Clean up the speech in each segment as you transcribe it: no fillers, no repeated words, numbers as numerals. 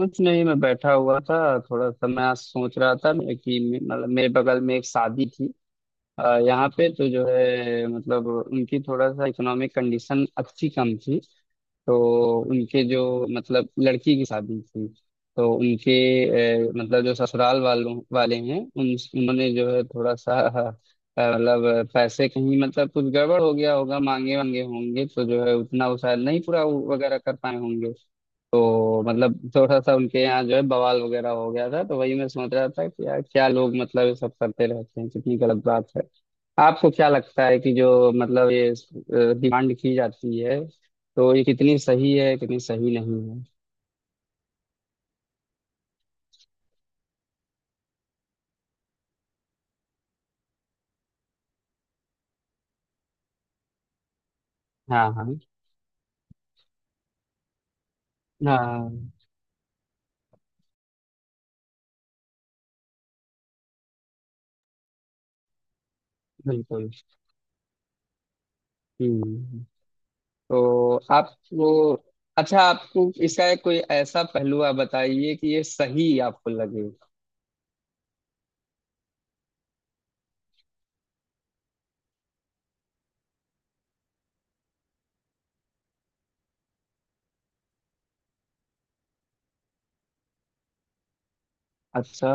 कुछ नहीं, मैं बैठा हुआ था। थोड़ा सा मैं आज सोच रहा था मैं कि मतलब मेरे बगल में एक शादी थी। यहाँ पे तो जो है मतलब उनकी थोड़ा सा इकोनॉमिक कंडीशन अच्छी कम थी। तो उनके जो मतलब लड़की की शादी थी। तो उनके मतलब जो ससुराल वालों वाले हैं, उन उन्होंने जो है थोड़ा सा मतलब पैसे कहीं मतलब कुछ गड़बड़ हो गया होगा, मांगे वांगे होंगे, तो जो है उतना वो शायद नहीं पूरा वो वगैरह कर पाए होंगे। तो मतलब थोड़ा सा उनके यहाँ जो है बवाल वगैरह हो गया था। तो वही मैं सोच रहा था कि यार क्या लोग मतलब ये सब करते रहते हैं, कितनी गलत बात है। आपको क्या लगता है कि जो मतलब ये डिमांड की जाती है, तो ये कितनी सही है कितनी सही नहीं है? हाँ, हाँ। हाँ, बिल्कुल। हम्म, तो आपको, अच्छा, आपको इसका एक कोई ऐसा पहलू आप बताइए कि ये सही आपको लगे। अच्छा।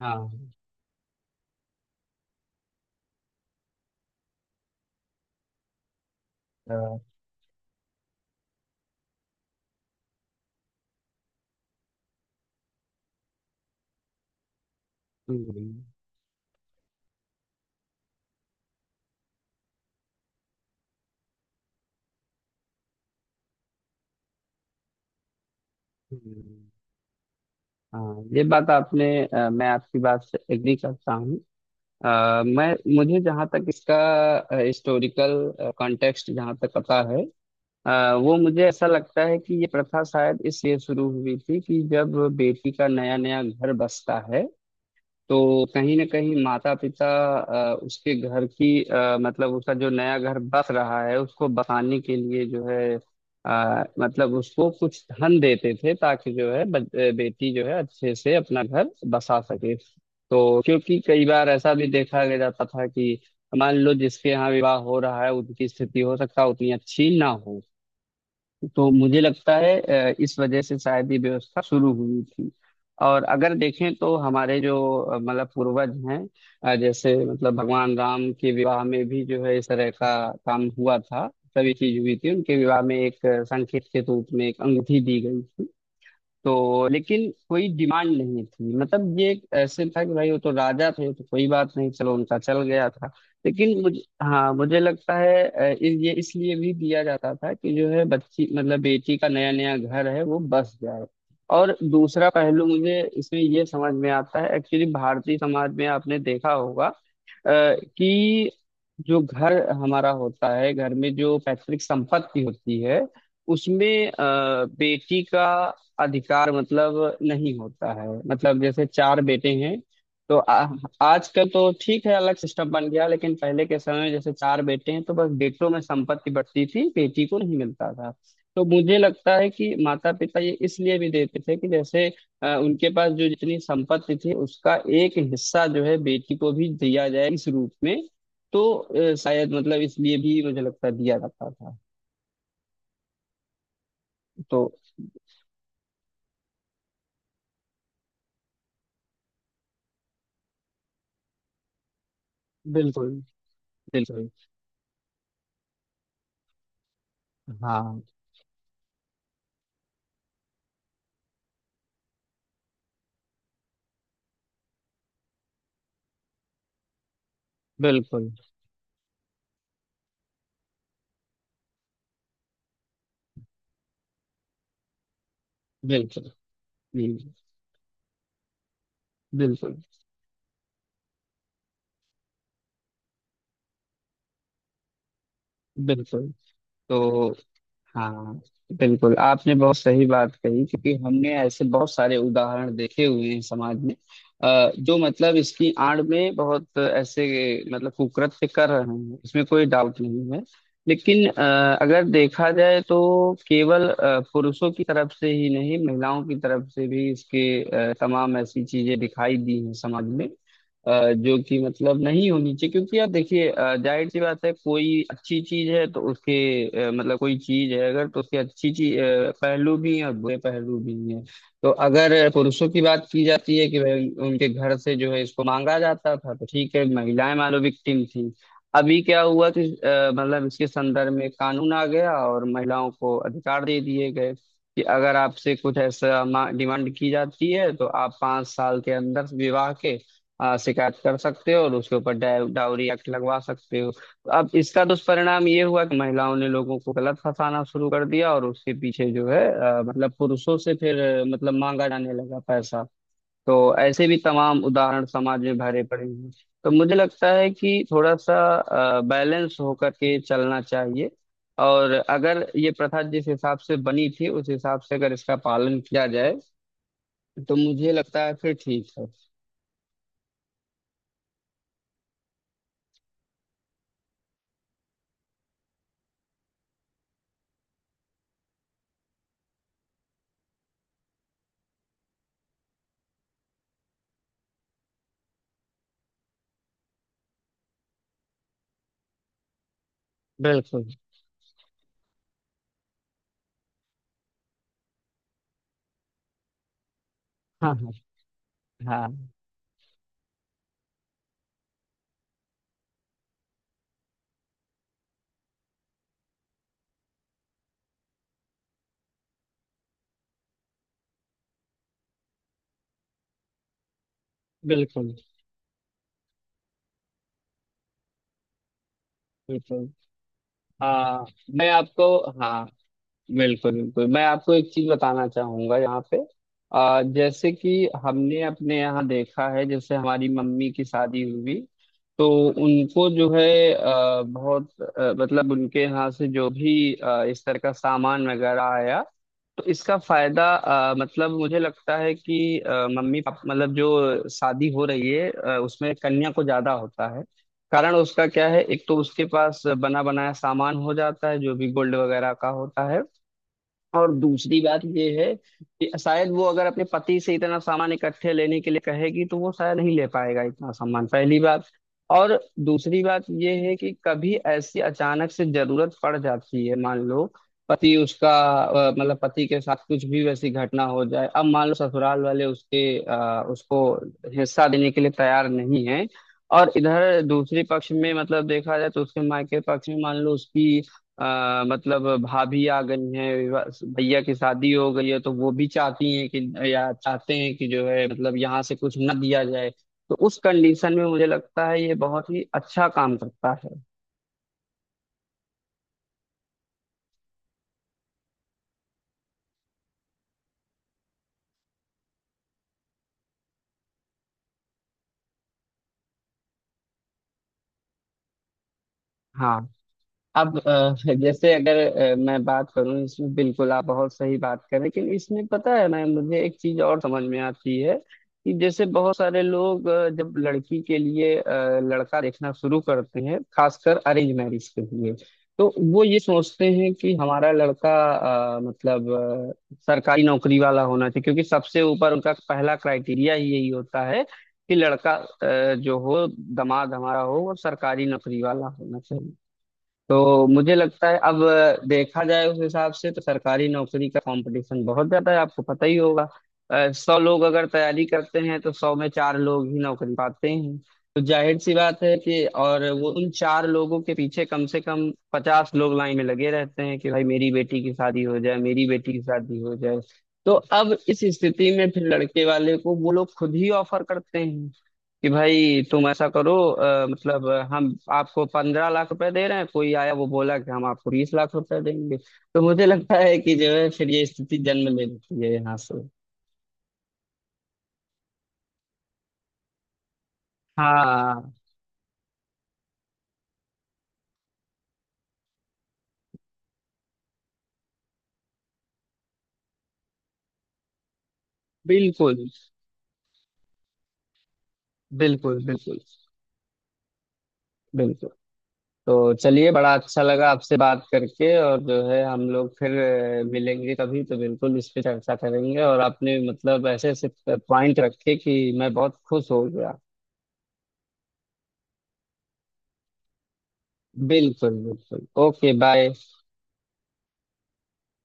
हाँ, हाँ। हम्म, हम्म। हाँ, ये बात आपने, मैं आपकी बात से एग्री करता हूँ। मैं मुझे जहाँ तक इसका हिस्टोरिकल कॉन्टेक्स्ट जहाँ तक पता है, वो मुझे ऐसा लगता है कि ये प्रथा शायद इसलिए शुरू हुई थी कि जब बेटी का नया नया घर बसता है, तो कहीं ना कहीं माता पिता उसके घर की, मतलब उसका जो नया घर बस रहा है उसको बसाने के लिए जो है मतलब उसको कुछ धन देते थे ताकि जो है बेटी जो है अच्छे से अपना घर बसा सके। तो क्योंकि कई बार ऐसा भी देखा गया जाता था कि मान लो जिसके यहाँ विवाह हो रहा है उनकी स्थिति हो सकता है उतनी अच्छी ना हो। तो मुझे लगता है इस वजह से शायद ये व्यवस्था शुरू हुई थी। और अगर देखें तो हमारे जो मतलब पूर्वज हैं, जैसे मतलब भगवान राम के विवाह में भी जो है इस तरह का काम हुआ था। सभी चीज हुई थी उनके विवाह में। एक संकेत के रूप में एक अंगूठी दी गई थी। तो लेकिन कोई डिमांड नहीं थी, मतलब ये एक ऐसे था कि भाई वो तो राजा थे तो कोई बात नहीं, चलो उनका चल गया था। लेकिन मुझे, हाँ, मुझे लगता है अ, इस ये इसलिए भी दिया जाता था कि जो है बच्ची मतलब बेटी का नया नया घर है वो बस जाए। और दूसरा पहलू मुझे इसमें ये समझ में आता है, एक्चुअली भारतीय समाज में आपने देखा होगा कि जो घर हमारा होता है, घर में जो पैतृक संपत्ति होती है, उसमें बेटी का अधिकार मतलब नहीं होता है। मतलब जैसे चार बेटे हैं तो आजकल तो ठीक है अलग सिस्टम बन गया, लेकिन पहले के समय में जैसे चार बेटे हैं तो बस बेटों में संपत्ति बढ़ती थी, बेटी को नहीं मिलता था। तो मुझे लगता है कि माता पिता ये इसलिए भी देते थे कि जैसे उनके पास जो जितनी संपत्ति थी उसका एक हिस्सा जो है बेटी को भी दिया जाए इस रूप में। तो शायद मतलब इसलिए भी मुझे लगता है दिया जाता था। तो बिल्कुल। बिल्कुल। हाँ, बिल्कुल, बिल्कुल। जी। बिल्कुल, बिल्कुल। तो हाँ, बिल्कुल आपने बहुत सही बात कही क्योंकि हमने ऐसे बहुत सारे उदाहरण देखे हुए हैं समाज में। जो मतलब इसकी आड़ में बहुत ऐसे मतलब कुकृत्य कर रहे हैं, इसमें कोई डाउट नहीं है। लेकिन अगर देखा जाए तो केवल पुरुषों की तरफ से ही नहीं, महिलाओं की तरफ से भी इसके तमाम ऐसी चीजें दिखाई दी हैं समाज में, अ, जो कि मतलब नहीं होनी चाहिए, क्योंकि यार देखिए, जाहिर सी बात है कोई अच्छी चीज है तो उसके मतलब कोई चीज है अगर तो उसके अच्छी चीज पहलू भी हैं और बुरे पहलू भी हैं। तो अगर पुरुषों की बात की जाती है कि भाई उनके घर से जो है इसको मांगा जाता था, तो ठीक है महिलाएं मानो विक्टिम थी। अभी क्या हुआ कि मतलब इसके संदर्भ में कानून आ गया और महिलाओं को अधिकार दे दिए गए कि अगर आपसे कुछ ऐसा डिमांड की जाती है तो आप 5 साल के अंदर विवाह के शिकायत कर सकते हो और उसके ऊपर डाउरी एक्ट लगवा सकते हो। तो अब इसका दुष्परिणाम ये हुआ कि महिलाओं ने लोगों को गलत फंसाना शुरू कर दिया और उसके पीछे जो है, मतलब पुरुषों से फिर, मतलब मांगा जाने लगा पैसा। तो ऐसे भी तमाम उदाहरण समाज में भरे पड़े हैं। तो मुझे लगता है कि थोड़ा सा बैलेंस होकर के चलना चाहिए। और अगर ये प्रथा जिस हिसाब से बनी थी उस हिसाब से अगर इसका पालन किया जाए, तो मुझे लगता है फिर ठीक है। बिल्कुल। हाँ, हाँ। हाँ, बिल्कुल, बिल्कुल। हाँ, मैं आपको, हाँ, बिल्कुल, बिल्कुल मैं आपको एक चीज बताना चाहूंगा यहाँ पे। जैसे कि हमने अपने यहाँ देखा है, जैसे हमारी मम्मी की शादी हुई, तो उनको जो है बहुत मतलब उनके यहाँ से जो भी इस तरह का सामान वगैरह आया, तो इसका फायदा मतलब मुझे लगता है कि मम्मी पापा मतलब जो शादी हो रही है उसमें कन्या को ज्यादा होता है। कारण उसका क्या है, एक तो उसके पास बना बनाया सामान हो जाता है जो भी गोल्ड वगैरह का होता है। और दूसरी बात ये है कि शायद वो अगर अपने पति से इतना सामान इकट्ठे लेने के लिए कहेगी तो वो शायद नहीं ले पाएगा इतना सामान, पहली बात। और दूसरी बात ये है कि कभी ऐसी अचानक से जरूरत पड़ जाती है, मान लो पति उसका मतलब पति के साथ कुछ भी वैसी घटना हो जाए, अब मान लो ससुराल वाले उसके उसको हिस्सा देने के लिए तैयार नहीं है, और इधर दूसरे पक्ष में मतलब देखा जाए तो उसके मायके पक्ष में मान लो उसकी मतलब भाभी आ गई हैं, भैया की शादी हो गई है तो वो भी चाहती हैं कि या चाहते हैं कि जो है मतलब यहाँ से कुछ न दिया जाए। तो उस कंडीशन में मुझे लगता है ये बहुत ही अच्छा काम करता है। हाँ। अब जैसे अगर मैं बात करूं, इसमें बिल्कुल आप बहुत सही बात करें, लेकिन इसमें पता है मैं मुझे एक चीज और समझ में आती है कि जैसे बहुत सारे लोग जब लड़की के लिए लड़का देखना शुरू करते हैं, खासकर अरेंज मैरिज के लिए, तो वो ये सोचते हैं कि हमारा लड़का मतलब सरकारी नौकरी वाला होना चाहिए, क्योंकि सबसे ऊपर उनका पहला क्राइटेरिया ही यही होता है कि लड़का, जो हो दामाद हमारा हो, वो सरकारी नौकरी वाला होना चाहिए। तो मुझे लगता है अब देखा जाए उस हिसाब से तो सरकारी नौकरी का कंपटीशन बहुत ज्यादा है, आपको पता ही होगा। 100 लोग अगर तैयारी करते हैं तो 100 में चार लोग ही नौकरी पाते हैं। तो जाहिर सी बात है कि, और वो उन चार लोगों के पीछे कम से कम 50 लोग लाइन में लगे रहते हैं कि भाई मेरी बेटी की शादी हो जाए, मेरी बेटी की शादी हो जाए। तो अब इस स्थिति में फिर लड़के वाले को वो लोग खुद ही ऑफर करते हैं कि भाई तुम ऐसा करो, मतलब हम आपको 15 लाख रुपए दे रहे हैं, कोई आया वो बोला कि हम आपको 20 लाख रुपए देंगे। तो मुझे लगता है कि जो है फिर ये स्थिति जन्म ले लेती है यहाँ से। हाँ, बिल्कुल, बिल्कुल। बिल्कुल, बिल्कुल। तो चलिए, बड़ा अच्छा लगा आपसे बात करके, और जो है हम लोग फिर मिलेंगे कभी तो बिल्कुल इस पे चर्चा करेंगे, और आपने मतलब ऐसे ऐसे पॉइंट रखे कि मैं बहुत खुश हो गया। बिल्कुल, बिल्कुल। Okay, bye.